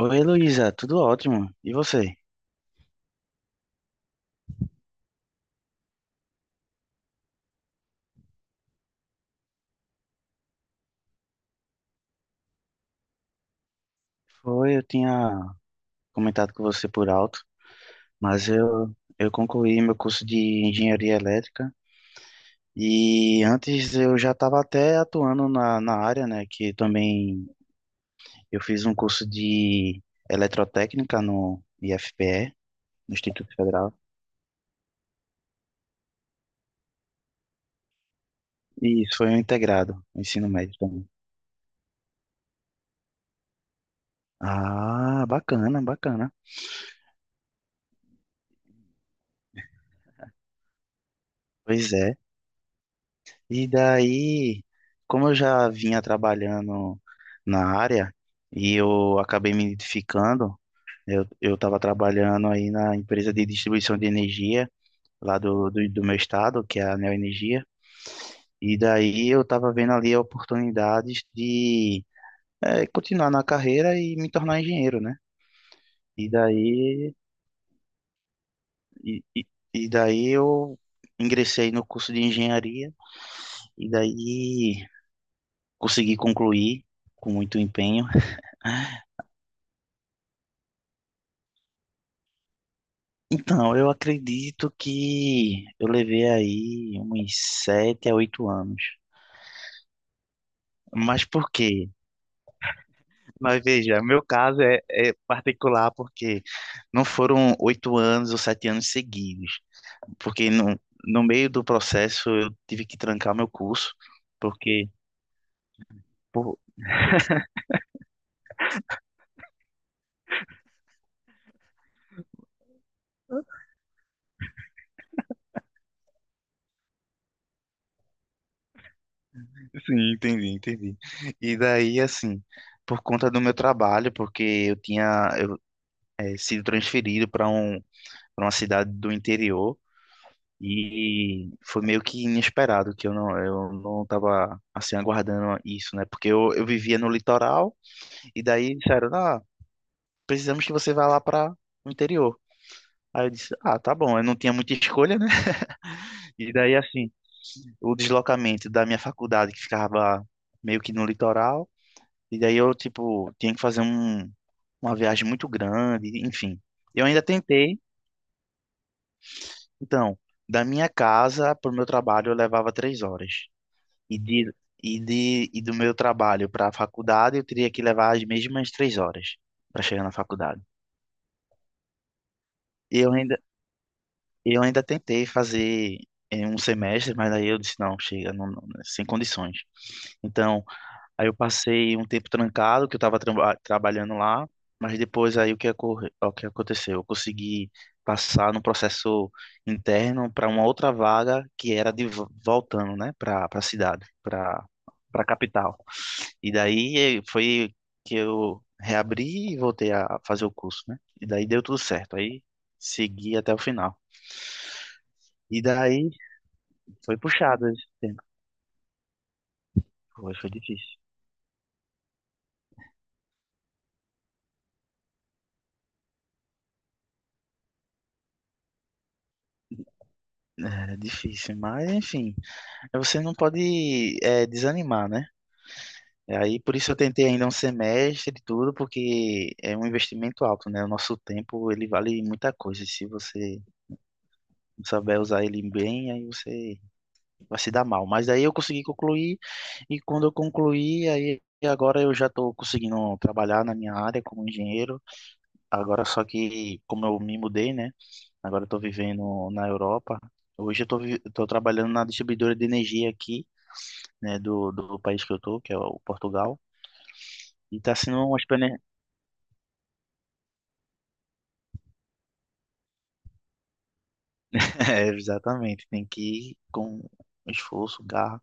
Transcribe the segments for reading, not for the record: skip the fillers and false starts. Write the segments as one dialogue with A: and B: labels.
A: Oi, Heloísa, tudo ótimo. E você? Foi, eu tinha comentado com você por alto, mas eu concluí meu curso de engenharia elétrica e antes eu já estava até atuando na área, né? Que também eu fiz um curso de eletrotécnica no IFPE, no Instituto Federal, e isso foi um integrado, um ensino médio também. Ah, bacana, bacana. Pois é. E daí, como eu já vinha trabalhando na área e eu acabei me identificando, eu estava trabalhando aí na empresa de distribuição de energia lá do meu estado, que é a Neoenergia, e daí eu estava vendo ali oportunidades de continuar na carreira e me tornar engenheiro, né? E daí, e, e, e daí eu ingressei no curso de engenharia e daí consegui concluir com muito empenho. Então, eu acredito que eu levei aí uns sete a oito anos. Mas por quê? Mas veja, meu caso é particular porque não foram oito anos ou sete anos seguidos. Porque no meio do processo eu tive que trancar meu curso, porque... por- sim, entendi, entendi. E daí, assim, por conta do meu trabalho, porque eu tinha eu, sido transferido para uma cidade do interior. E foi meio que inesperado que eu não tava assim aguardando isso, né? Porque eu vivia no litoral e daí disseram, ah, precisamos que você vá lá para o interior. Aí eu disse, ah, tá bom, eu não tinha muita escolha, né? E daí assim, o deslocamento da minha faculdade que ficava meio que no litoral, e daí eu tipo tinha que fazer uma viagem muito grande, enfim. Eu ainda tentei, então, da minha casa para o meu trabalho eu levava 3 horas. E, de, e do meu trabalho para a faculdade, eu teria que levar as mesmas 3 horas para chegar na faculdade. eu ainda, eu ainda tentei fazer em um semestre, mas aí eu disse, não, chega, não, não, né, sem condições. Então, aí eu passei um tempo trancado, que eu estava trabalhando lá, mas depois aí o que aconteceu? Eu consegui passar no processo interno para uma outra vaga que era de voltando, né, para a cidade, para a capital. E daí foi que eu reabri e voltei a fazer o curso, né? E daí deu tudo certo. Aí segui até o final. E daí foi puxado esse tempo. Foi, foi difícil. Era difícil, mas enfim. Você não pode desanimar, né? E aí por isso eu tentei ainda um semestre e tudo, porque é um investimento alto, né? O nosso tempo, ele vale muita coisa. E se você não souber usar ele bem, aí você vai se dar mal. Mas aí eu consegui concluir, e quando eu concluí, aí agora eu já estou conseguindo trabalhar na minha área como engenheiro. Agora só que, como eu me mudei, né? Agora eu estou vivendo na Europa. Hoje eu estou tô trabalhando na distribuidora de energia aqui, né? Do país que eu estou, que é o Portugal. E está sendo uma experiência... É, exatamente. Tem que ir com esforço, garra.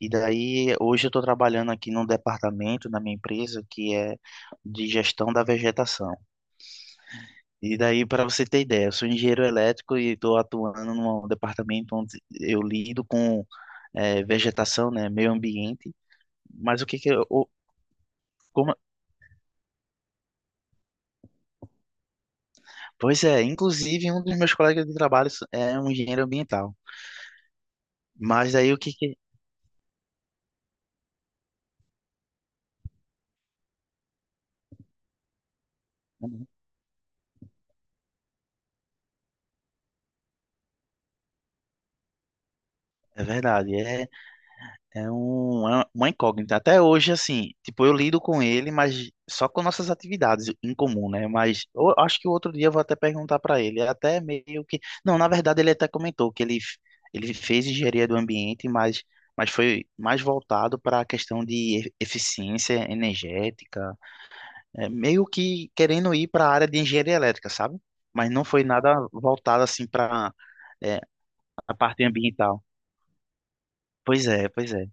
A: E daí, hoje eu estou trabalhando aqui num departamento na minha empresa que é de gestão da vegetação. E daí, para você ter ideia, eu sou engenheiro elétrico e estou atuando num departamento onde eu lido com vegetação, né, meio ambiente. Mas o que que eu, o- Como, pois é, inclusive um dos meus colegas de trabalho é um engenheiro ambiental. Mas daí o que que é verdade, é é um- é uma incógnita. Até hoje, assim, tipo, eu lido com ele, mas só com nossas atividades em comum, né? Mas eu acho que outro dia eu vou até perguntar para ele. É até meio que. Não, na verdade, ele até comentou ele fez engenharia do ambiente, mas foi mais voltado para a questão de eficiência energética. É, meio que querendo ir para a área de engenharia elétrica, sabe? Mas não foi nada voltado, assim, para, a parte ambiental. Pois é, pois é.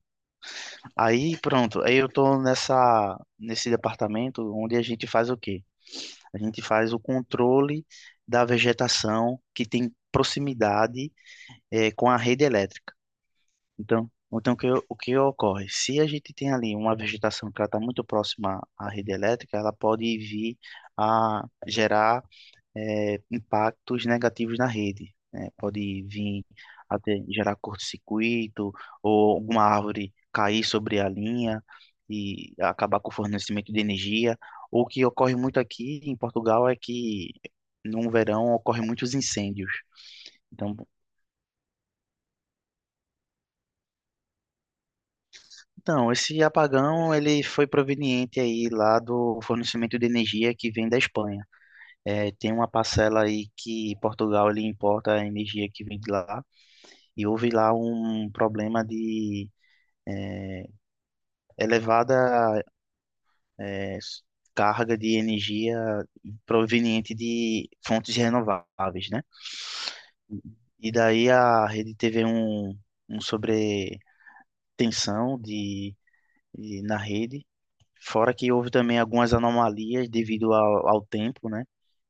A: Aí pronto, aí eu tô nessa nesse departamento onde a gente faz o quê? A gente faz o controle da vegetação que tem proximidade com a rede elétrica. O que ocorre? Se a gente tem ali uma vegetação que ela está muito próxima à rede elétrica, ela pode vir a gerar impactos negativos na rede, né? Pode vir até gerar curto-circuito ou alguma árvore cair sobre a linha e acabar com o fornecimento de energia. O que ocorre muito aqui em Portugal é que no verão ocorrem muitos incêndios. Então, esse apagão ele foi proveniente aí lá do fornecimento de energia que vem da Espanha. É, tem uma parcela aí que Portugal ele importa a energia que vem de lá e houve lá um problema de eh, elevada eh, carga de energia proveniente de fontes renováveis, né? E daí a rede teve um sobretensão de, na rede, fora que houve também algumas anomalias devido ao tempo, né?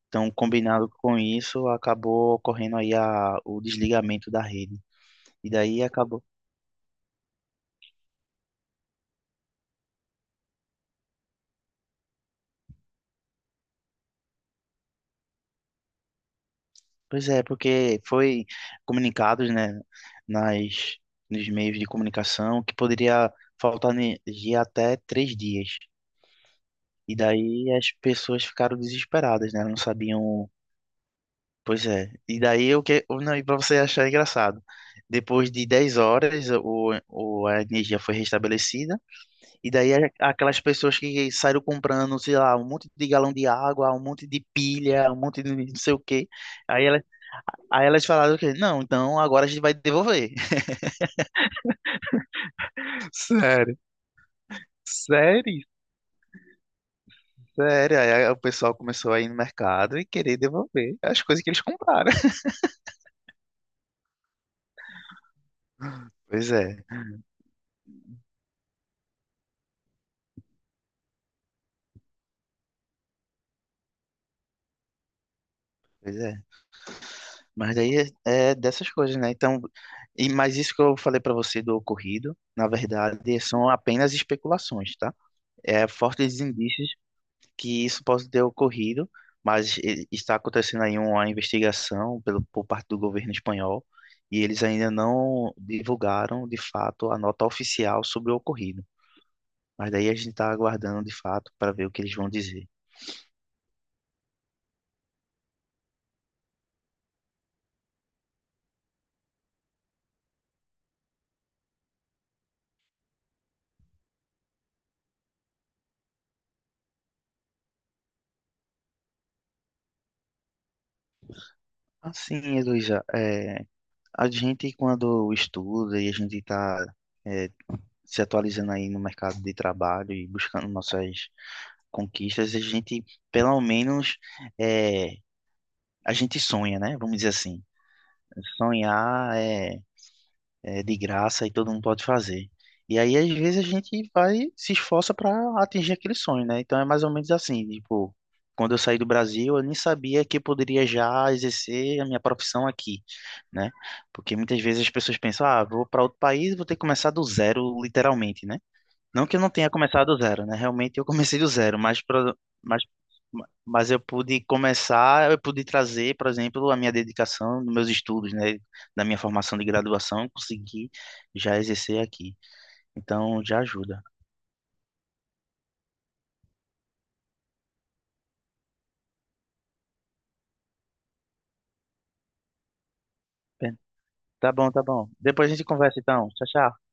A: Então, combinado com isso, acabou ocorrendo aí a, o desligamento da rede. E daí acabou. Pois é, porque foi comunicados, né, nas, nos meios de comunicação que poderia faltar energia até 3 dias. E daí as pessoas ficaram desesperadas, né? Não sabiam. Pois é. E daí o que. O- Não, e para você achar engraçado, depois de 10 horas a energia foi restabelecida. E daí aquelas pessoas que saíram comprando, sei lá, um monte de galão de água, um monte de pilha, um monte de não sei o quê. Aí Aí elas falaram o quê? Não, então agora a gente vai devolver. Sério. Sério, sério. Aí o pessoal começou a ir no mercado e querer devolver as coisas que eles compraram. Pois é, pois é. Mas daí é, é dessas coisas, né? Então, mas isso que eu falei pra você do ocorrido, na verdade, são apenas especulações, tá? É fortes indícios que isso possa ter ocorrido, mas está acontecendo aí uma investigação por parte do governo espanhol e eles ainda não divulgaram de fato a nota oficial sobre o ocorrido. Mas daí a gente está aguardando de fato para ver o que eles vão dizer. Assim, Heloísa, é, a gente quando estuda e a gente está é, se atualizando aí no mercado de trabalho e buscando nossas conquistas, a gente pelo menos é, a gente sonha, né? Vamos dizer assim. Sonhar é, é de graça e todo mundo pode fazer. E aí, às vezes, a gente vai, se esforça para atingir aquele sonho, né? Então é mais ou menos assim, tipo, quando eu saí do Brasil, eu nem sabia que eu poderia já exercer a minha profissão aqui, né? Porque muitas vezes as pessoas pensam, ah, vou para outro país, vou ter que começar do zero, literalmente, né? Não que eu não tenha começado do zero, né? Realmente eu comecei do zero, mas, mas, mas eu pude começar, eu pude trazer, por exemplo, a minha dedicação dos meus estudos, né? Da minha formação de graduação, consegui já exercer aqui. Então já ajuda. Bem, tá bom, tá bom. Depois a gente conversa então. Tchau, tchau.